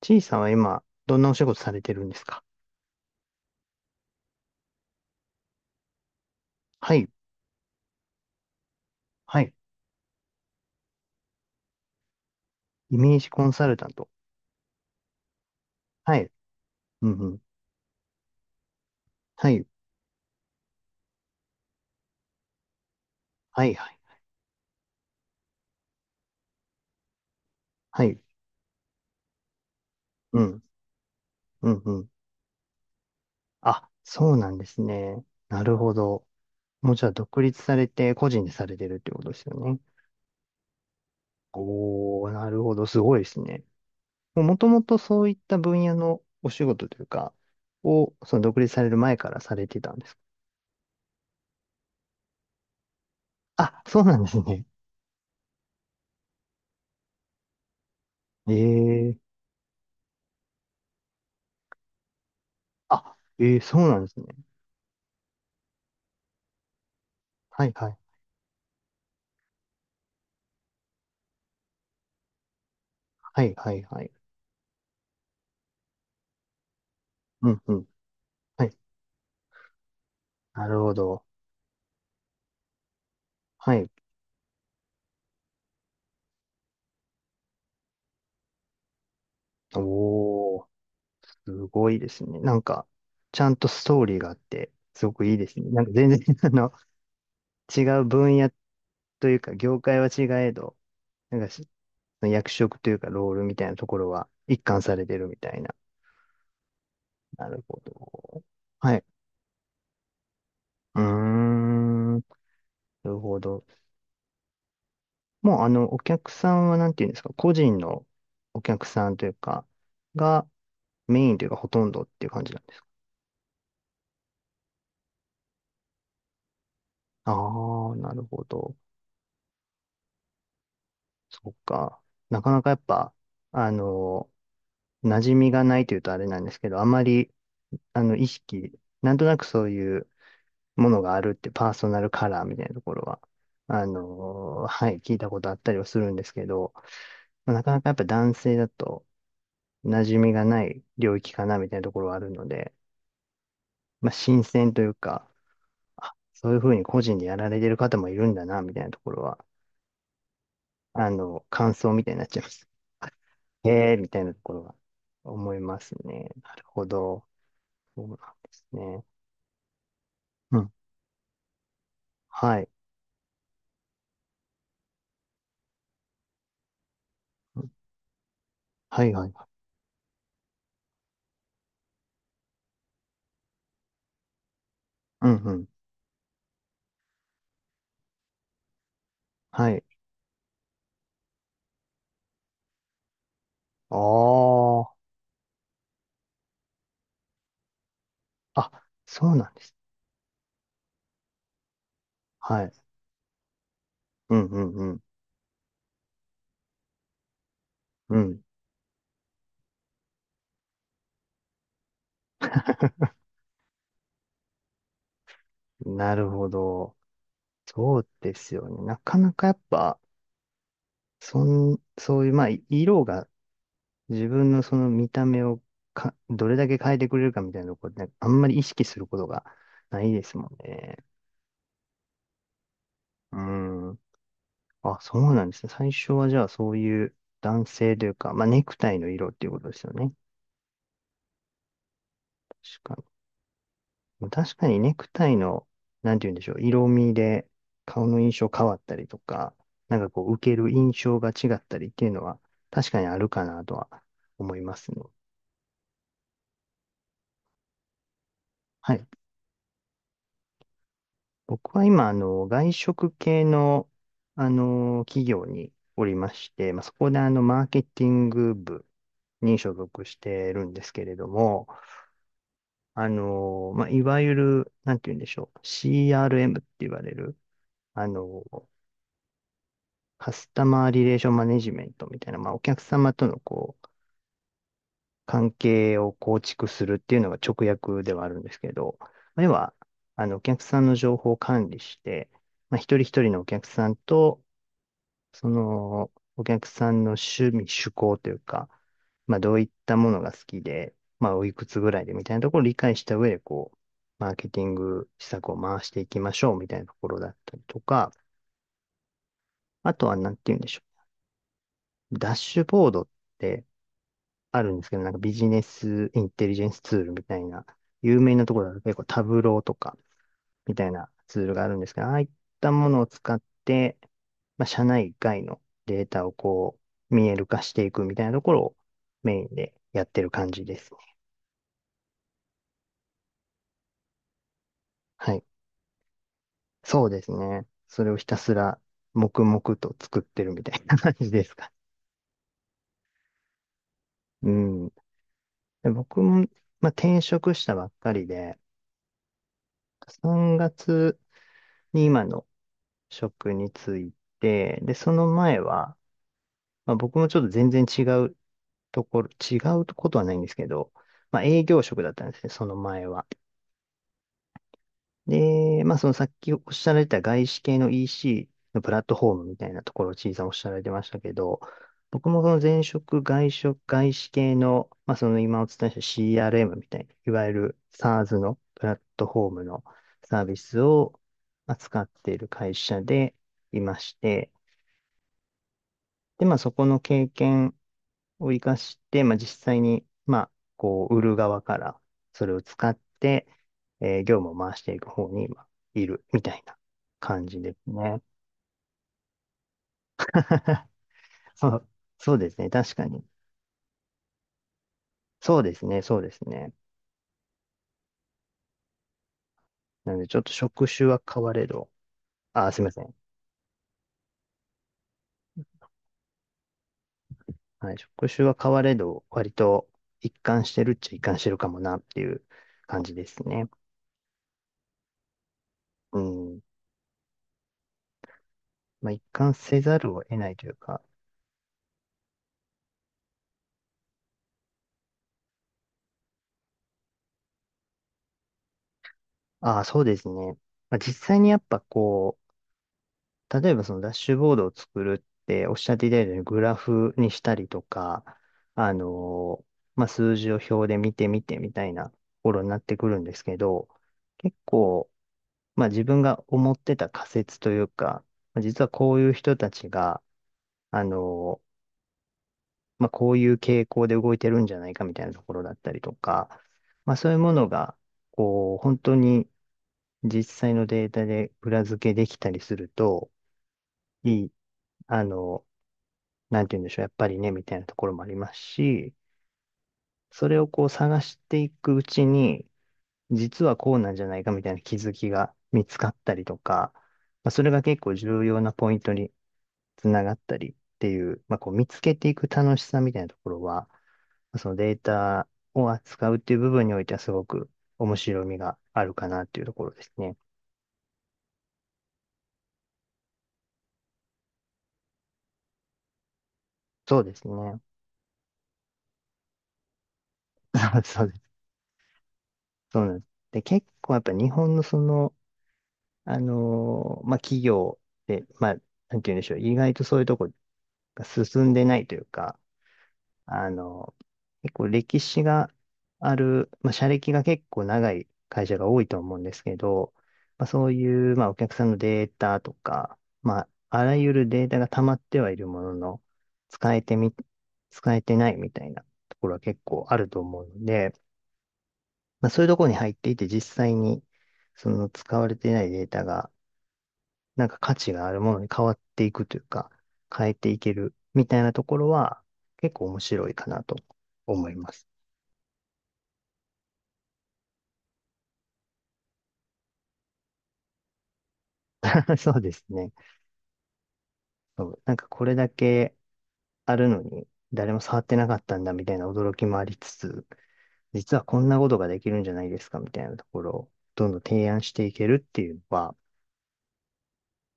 ちいさんは今、どんなお仕事されてるんですか？はい、はい。イメージコンサルタント。はい、うん、うん。はい、はい、はい、はい。うん、うん、うん。あ、そうなんですね。なるほど。もうじゃあ、独立されて、個人でされてるってことですよね。おー、なるほど。すごいですね。もともとそういった分野のお仕事というか、を、その独立される前からされてたんですか？あ、そうなんですね。ええ。あ、ええ、そうなんですね。はい、はい、はい、はい、はい。うんうん。はい。なるほど。はい。おー、すごいですね。なんか、ちゃんとストーリーがあって、すごくいいですね。なんか全然、違う分野というか、業界は違えど、なんかし、役職というか、ロールみたいなところは一貫されてるみたいな。なるほど。はい。うーん。なるほど。もう、お客さんは、なんていうんですか、個人のお客さんというか、がメインというか、ほとんどっていう感じなんです。ああ、なるほど。そっか。なかなかやっぱ、あの、馴染みがないというとあれなんですけど、あまり、意識、なんとなくそういうものがあるってパーソナルカラーみたいなところは、はい、聞いたことあったりはするんですけど、まあなかなかやっぱ男性だと馴染みがない領域かなみたいなところはあるので、まあ、新鮮というか、あ、そういうふうに個人でやられてる方もいるんだな、みたいなところは、感想みたいになっちゃいます。へえ、みたいなところが思いますね。なるほど。そうなんですね。うん。はい。はいはい。うんうん。はい。ああ。あ、そうなんです。はい。うんうんうんうん。なるほど。そうですよね。なかなかやっぱ、そういう、まあ、色が自分のその見た目をどれだけ変えてくれるかみたいなところで、あんまり意識することがないですもんね。うん。あ、そうなんですね。最初はじゃあそういう男性というか、まあネクタイの色っていうことですよね。確かに。確かにネクタイの、なんて言うんでしょう、色味で顔の印象変わったりとか、なんかこう受ける印象が違ったりっていうのは確かにあるかなとは思いますね。はい。僕は今、外食系の、企業におりまして、まあ、そこでマーケティング部に所属してるんですけれども、まあ、いわゆる、なんて言うんでしょう。CRM って言われる、あの、カスタマーリレーションマネジメントみたいな、まあ、お客様とのこう、関係を構築するっていうのが直訳ではあるんですけど、まあ要は、お客さんの情報を管理して、まあ、一人一人のお客さんと、その、お客さんの趣味、趣向というか、まあ、どういったものが好きで、まあ、おいくつぐらいでみたいなところを理解した上で、こう、マーケティング施策を回していきましょうみたいなところだったりとか、あとはなんて言うんでしょう。ダッシュボードってあるんですけど、なんかビジネスインテリジェンスツールみたいな、有名なところだと結構タブローとか、みたいなツールがあるんですが、ああいったものを使って、まあ、社内外のデータをこう、見える化していくみたいなところをメインでやってる感じですね。はい。そうですね。それをひたすら黙々と作ってるみたいな感じですか。うん。で僕も、まあ、転職したばっかりで、3月に今の職に就いて、で、その前は、まあ、僕もちょっと全然違うところ、違うことはないんですけど、まあ営業職だったんですね、その前は。で、まあそのさっきおっしゃられた外資系の EC のプラットフォームみたいなところをちいさんおっしゃられてましたけど、僕もその前職、外職、外資系の、まあその今お伝えした CRM みたいな、いわゆる SaaS のプラットフォームのサービスを扱っている会社でいまして、で、まあそこの経験を活かして、まあ、実際に、まあ、こう、売る側からそれを使って、業務を回していく方に、まあ、いるみたいな感じですね。そう、そうですね。確かに。そうですね。そうですね。なので、ちょっと職種は変われど、あ、すいません。はい。職種は変われど、割と一貫してるっちゃ一貫してるかもなっていう感じですね。うん。まあ、一貫せざるを得ないというか、ああ、そうですね。まあ、実際にやっぱこう、例えばそのダッシュボードを作るっておっしゃっていただいたようにグラフにしたりとか、あのまあ、数字を表で見てみてみたいなところになってくるんですけど、結構、まあ、自分が思ってた仮説というか、まあ実はこういう人たちが、あのまあ、こういう傾向で動いてるんじゃないかみたいなところだったりとか、まあ、そういうものが、こう、本当に実際のデータで裏付けできたりすると、いい。あのなんて言うんでしょう、やっぱりね、みたいなところもありますし、それをこう探していくうちに、実はこうなんじゃないかみたいな気づきが見つかったりとか、まあ、それが結構重要なポイントにつながったりっていう、まあ、こう見つけていく楽しさみたいなところは、そのデータを扱うっていう部分においてはすごく面白みがあるかなっていうところですね。そうですね。そうです。そうなんです。で、結構やっぱ日本のそのまあ、企業で、まあ、なんて言うんでしょう、意外とそういうとこが進んでないというか、あのー結構歴史がある、まあ、社歴が結構長い会社が多いと思うんですけど、まあ、そういう、まあ、お客さんのデータとか、まあ、あらゆるデータが溜まってはいるものの、使えてみ、使えてないみたいなところは結構あると思うので、まあ、そういうところに入っていて実際に、その使われてないデータが、なんか価値があるものに変わっていくというか、変えていけるみたいなところは結構面白いかなと思います。そうですね。そうなんかこれだけあるのに誰も触ってなかったんだみたいな驚きもありつつ、実はこんなことができるんじゃないですかみたいなところをどんどん提案していけるっていうのは、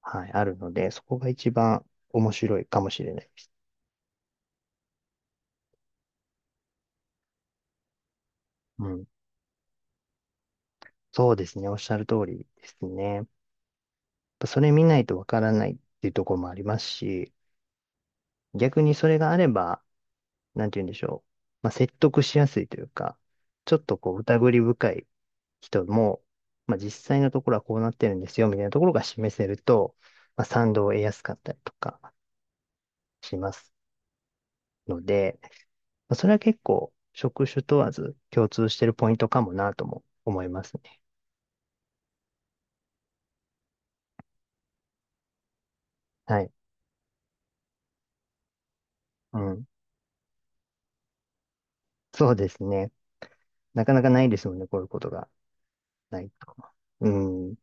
はい、あるので、そこが一番面白いかもしれないです。うん。そうですね。おっしゃる通りですね。やっぱそれ見ないとわからないっていうところもありますし、逆にそれがあれば、なんて言うんでしょう。まあ、説得しやすいというか、ちょっとこう、疑り深い人も、まあ、実際のところはこうなってるんですよ、みたいなところが示せると、まあ、賛同を得やすかったりとかしますので、まあ、それは結構、職種問わず共通してるポイントかもなとも思いますね。はい。うん。そうですね。なかなかないですもんね、こういうことがないと。うん。